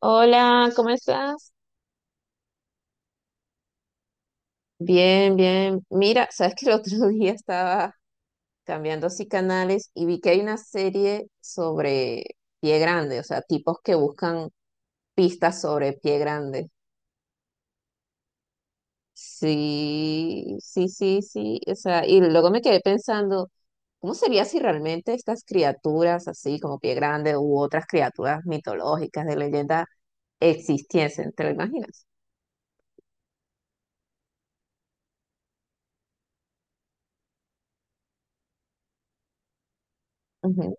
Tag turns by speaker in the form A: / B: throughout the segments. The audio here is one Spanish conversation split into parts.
A: Hola, ¿cómo estás? Bien, bien. Mira, sabes que el otro día estaba cambiando así canales y vi que hay una serie sobre pie grande, o sea, tipos que buscan pistas sobre pie grande. Sí, sí, sí, sí. O sea, y luego me quedé pensando, ¿cómo sería si realmente estas criaturas así como pie grande u otras criaturas mitológicas de leyenda existiesen? ¿Te lo imaginas? Ujú.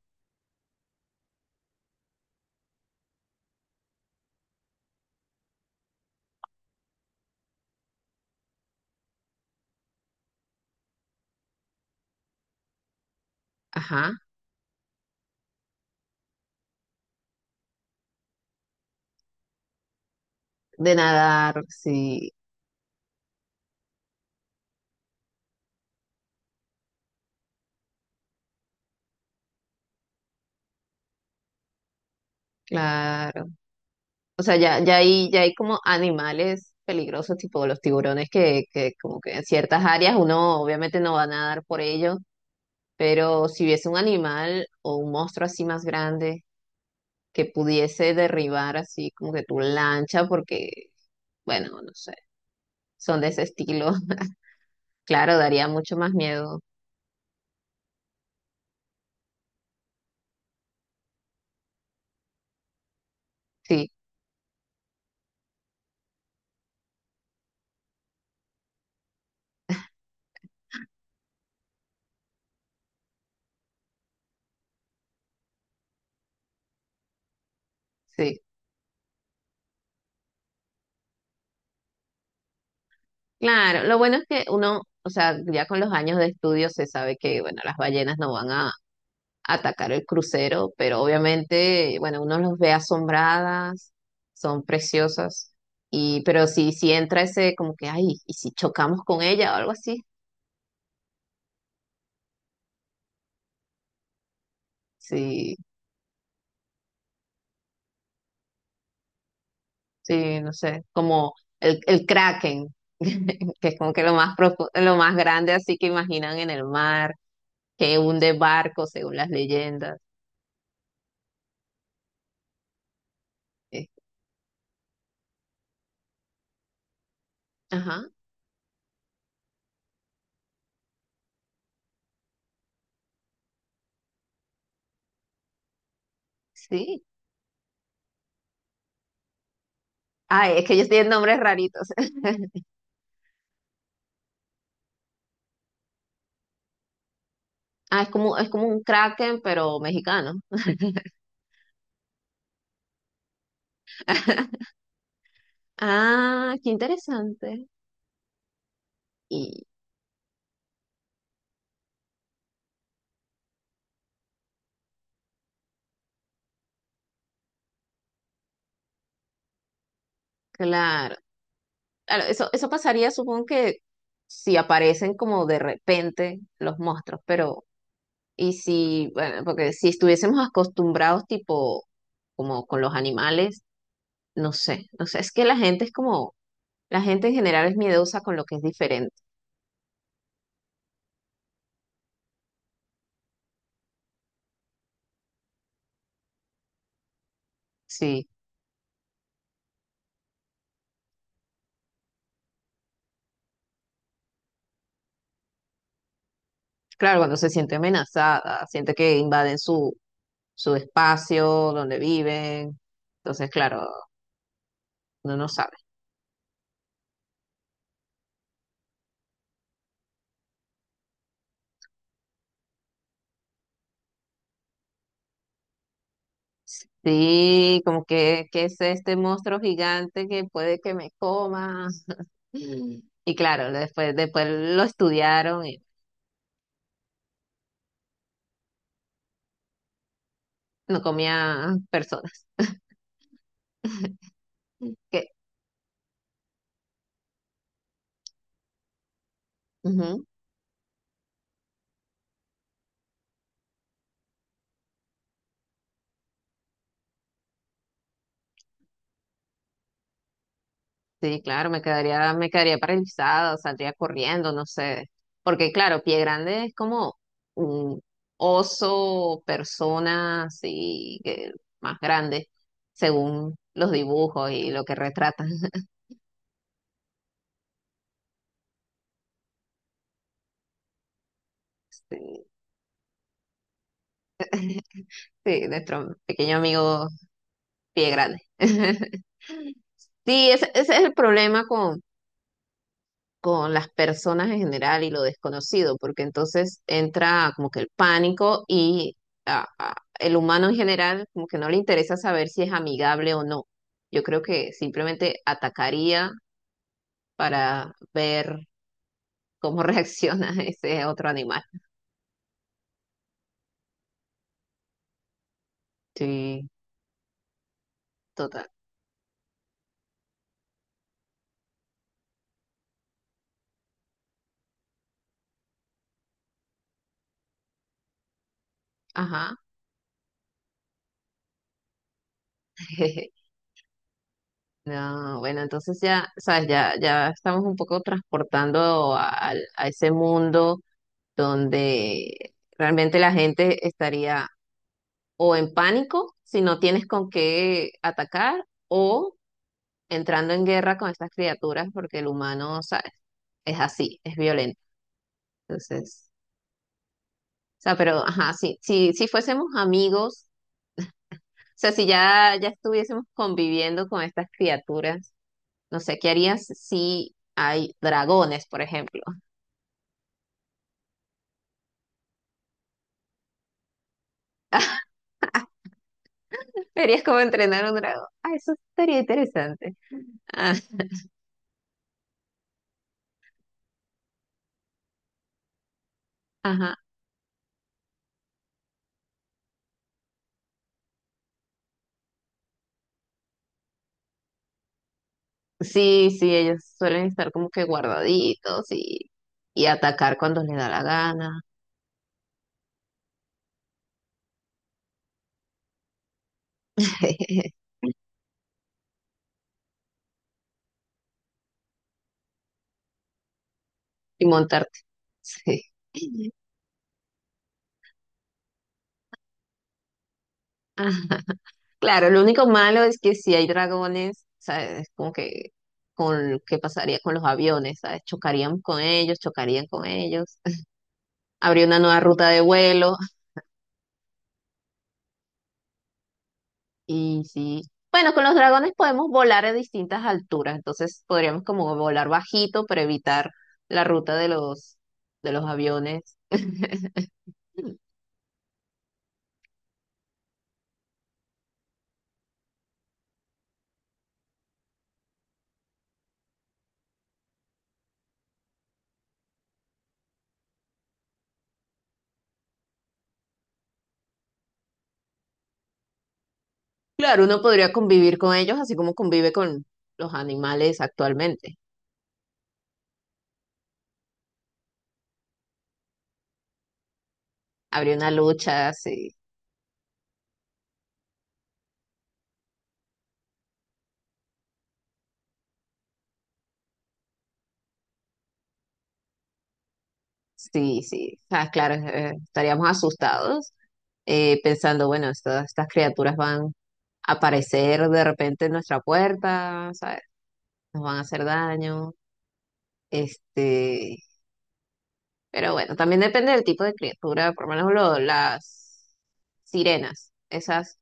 A: Ajá. De nadar, sí. Claro. O sea, ya hay como animales peligrosos, tipo los tiburones, que como que en ciertas áreas uno obviamente no va a nadar por ellos, pero si hubiese un animal o un monstruo así más grande que pudiese derribar así como que tu lancha, porque, bueno, no sé, son de ese estilo, claro, daría mucho más miedo. Sí, sí. Claro, lo bueno es que uno, o sea, ya con los años de estudio se sabe que, bueno, las ballenas no van a atacar el crucero, pero obviamente, bueno, uno los ve asombradas, son preciosas, y pero si entra ese como que, ay, ¿y si chocamos con ella o algo así? Sí, sí, no sé, como el Kraken, que es como que lo más lo más grande así que imaginan en el mar, que hunde barcos según las leyendas. Eh, ajá, sí. Ay, es que ellos tienen nombres raritos. Ah, es como un Kraken, pero mexicano. Ah, qué interesante. Y claro, claro, eso pasaría, supongo que si aparecen como de repente los monstruos, pero y si, bueno, porque si estuviésemos acostumbrados tipo como con los animales, no sé, no sé, es que la gente es como, la gente en general es miedosa con lo que es diferente. Sí, claro, cuando se siente amenazada, siente que invaden su espacio donde viven, entonces claro, uno no sabe. Sí, como que es este monstruo gigante que puede que me coma. Y claro, después lo estudiaron y no comía personas. Que, ujú. Sí, claro, me quedaría paralizada, saldría corriendo, no sé. Porque claro, Pie Grande es como un oso, persona así, que más grande, según los dibujos y lo que retratan. Sí, sí, nuestro pequeño amigo Pie grande. Sí, ese es el problema con las personas en general y lo desconocido, porque entonces entra como que el pánico y el humano en general como que no le interesa saber si es amigable o no. Yo creo que simplemente atacaría para ver cómo reacciona ese otro animal. Sí, total. Ajá. No, bueno, entonces ya, sabes, ya, ya estamos un poco transportando a ese mundo donde realmente la gente estaría o en pánico si no tienes con qué atacar o entrando en guerra con estas criaturas porque el humano, ¿sabes? Es así, es violento. Entonces, o sea, pero ajá, sí, si, si fuésemos amigos, o sea, si ya estuviésemos conviviendo con estas criaturas, no sé, ¿qué harías si hay dragones, por ejemplo? Verías cómo entrenar a un dragón. Ah, eso estaría interesante. Ah, ajá. Sí, sí, ellos suelen estar como que guardaditos y atacar cuando les da la gana y montarte. Sí. Ah, claro, lo único malo es que si hay dragones, ¿sabes? Es como que con qué pasaría con los aviones, ¿sabes? Chocarían con ellos, chocarían con ellos. Habría una nueva ruta de vuelo. Y sí, bueno, con los dragones podemos volar a distintas alturas, entonces podríamos como volar bajito para evitar la ruta de de los aviones. Claro, uno podría convivir con ellos así como convive con los animales actualmente. Habría una lucha, sí, sí, sí. O sea, claro, estaríamos asustados pensando, bueno, estas estas criaturas van a aparecer de repente en nuestra puerta, ¿sabes? Nos van a hacer daño. Este, Pero bueno, también depende del tipo de criatura, por lo menos las sirenas, esas,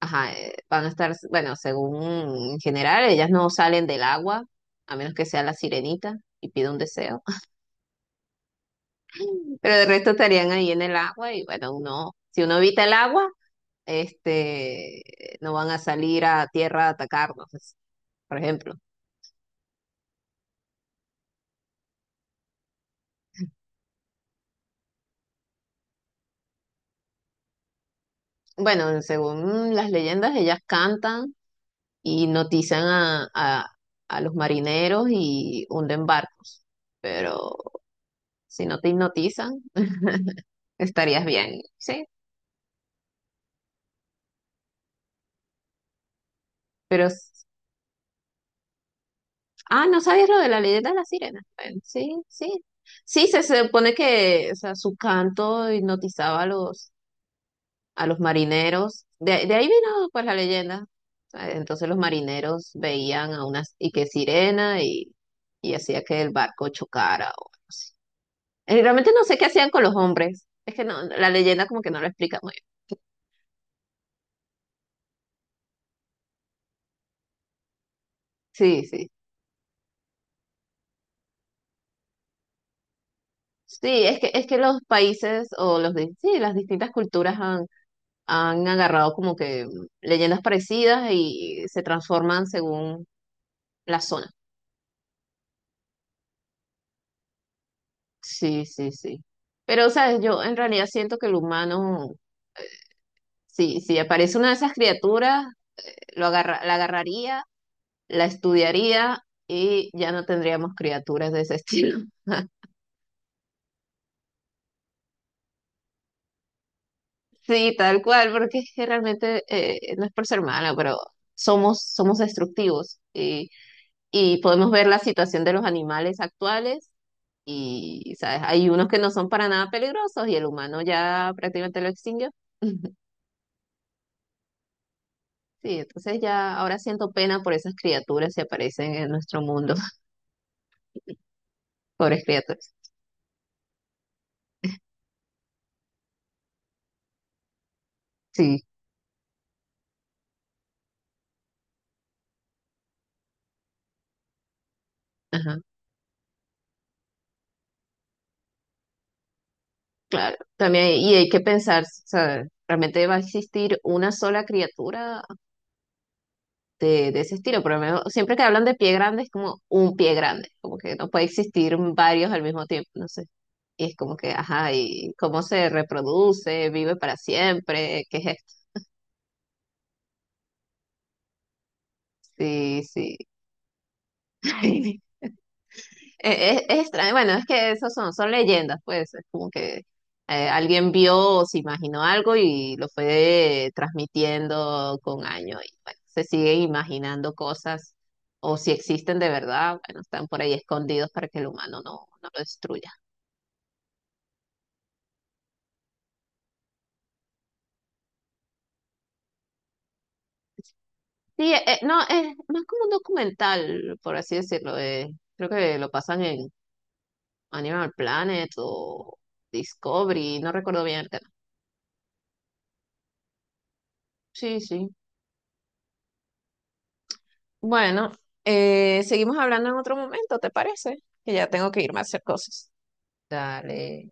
A: ajá, van a estar, bueno, según en general, ellas no salen del agua, a menos que sea la sirenita y pida un deseo, pero de resto estarían ahí en el agua y bueno, uno, si uno evita el agua, este, no van a salir a tierra a atacarnos, por ejemplo. Bueno, según las leyendas, ellas cantan y notizan a los marineros y hunden barcos. Pero si no te hipnotizan, estarías bien, ¿sí? Pero, ¿no sabías lo de la leyenda de la sirena? Bueno, sí, sí. Sí, se supone que, o sea, su canto hipnotizaba a a los marineros. De ahí vino, pues, la leyenda. Entonces los marineros veían a una, y que sirena y hacía que el barco chocara o algo así. Realmente no sé qué hacían con los hombres. Es que no, la leyenda como que no lo explica muy bien. Sí, sí. Sí, es que los países o los sí, las distintas culturas han, han agarrado como que leyendas parecidas y se transforman según la zona. Sí, sí, sí. Pero, ¿sabes? Yo en realidad siento que el humano, sí, si aparece una de esas criaturas, la agarraría, la estudiaría y ya no tendríamos criaturas de ese estilo. Sí, tal cual, porque es que realmente no es por ser mala, pero somos, somos destructivos y podemos ver la situación de los animales actuales y, ¿sabes? Hay unos que no son para nada peligrosos y el humano ya prácticamente lo extinguió. Sí, entonces ya ahora siento pena por esas criaturas que aparecen en nuestro mundo, pobres criaturas. Sí, ajá, claro. También, y hay que pensar, ¿sabes? ¿Realmente va a existir una sola criatura de ese estilo, pero al menos siempre que hablan de pie grande es como un pie grande, como que no puede existir varios al mismo tiempo, no sé. Y es como que, ajá, ¿y cómo se reproduce? ¿Vive para siempre? ¿Qué es esto? Sí, sí. Es extraño, bueno, es que esos son, son leyendas, pues, es como que alguien vio o se imaginó algo y lo fue transmitiendo con años y bueno, se siguen imaginando cosas o si existen de verdad, bueno, están por ahí escondidos para que el humano no, no lo destruya. Sí, no, es más como un documental, por así decirlo, creo que lo pasan en Animal Planet o Discovery, no recuerdo bien el canal. Sí, sí. Bueno, seguimos hablando en otro momento, ¿te parece? Que ya tengo que irme a hacer cosas. Dale.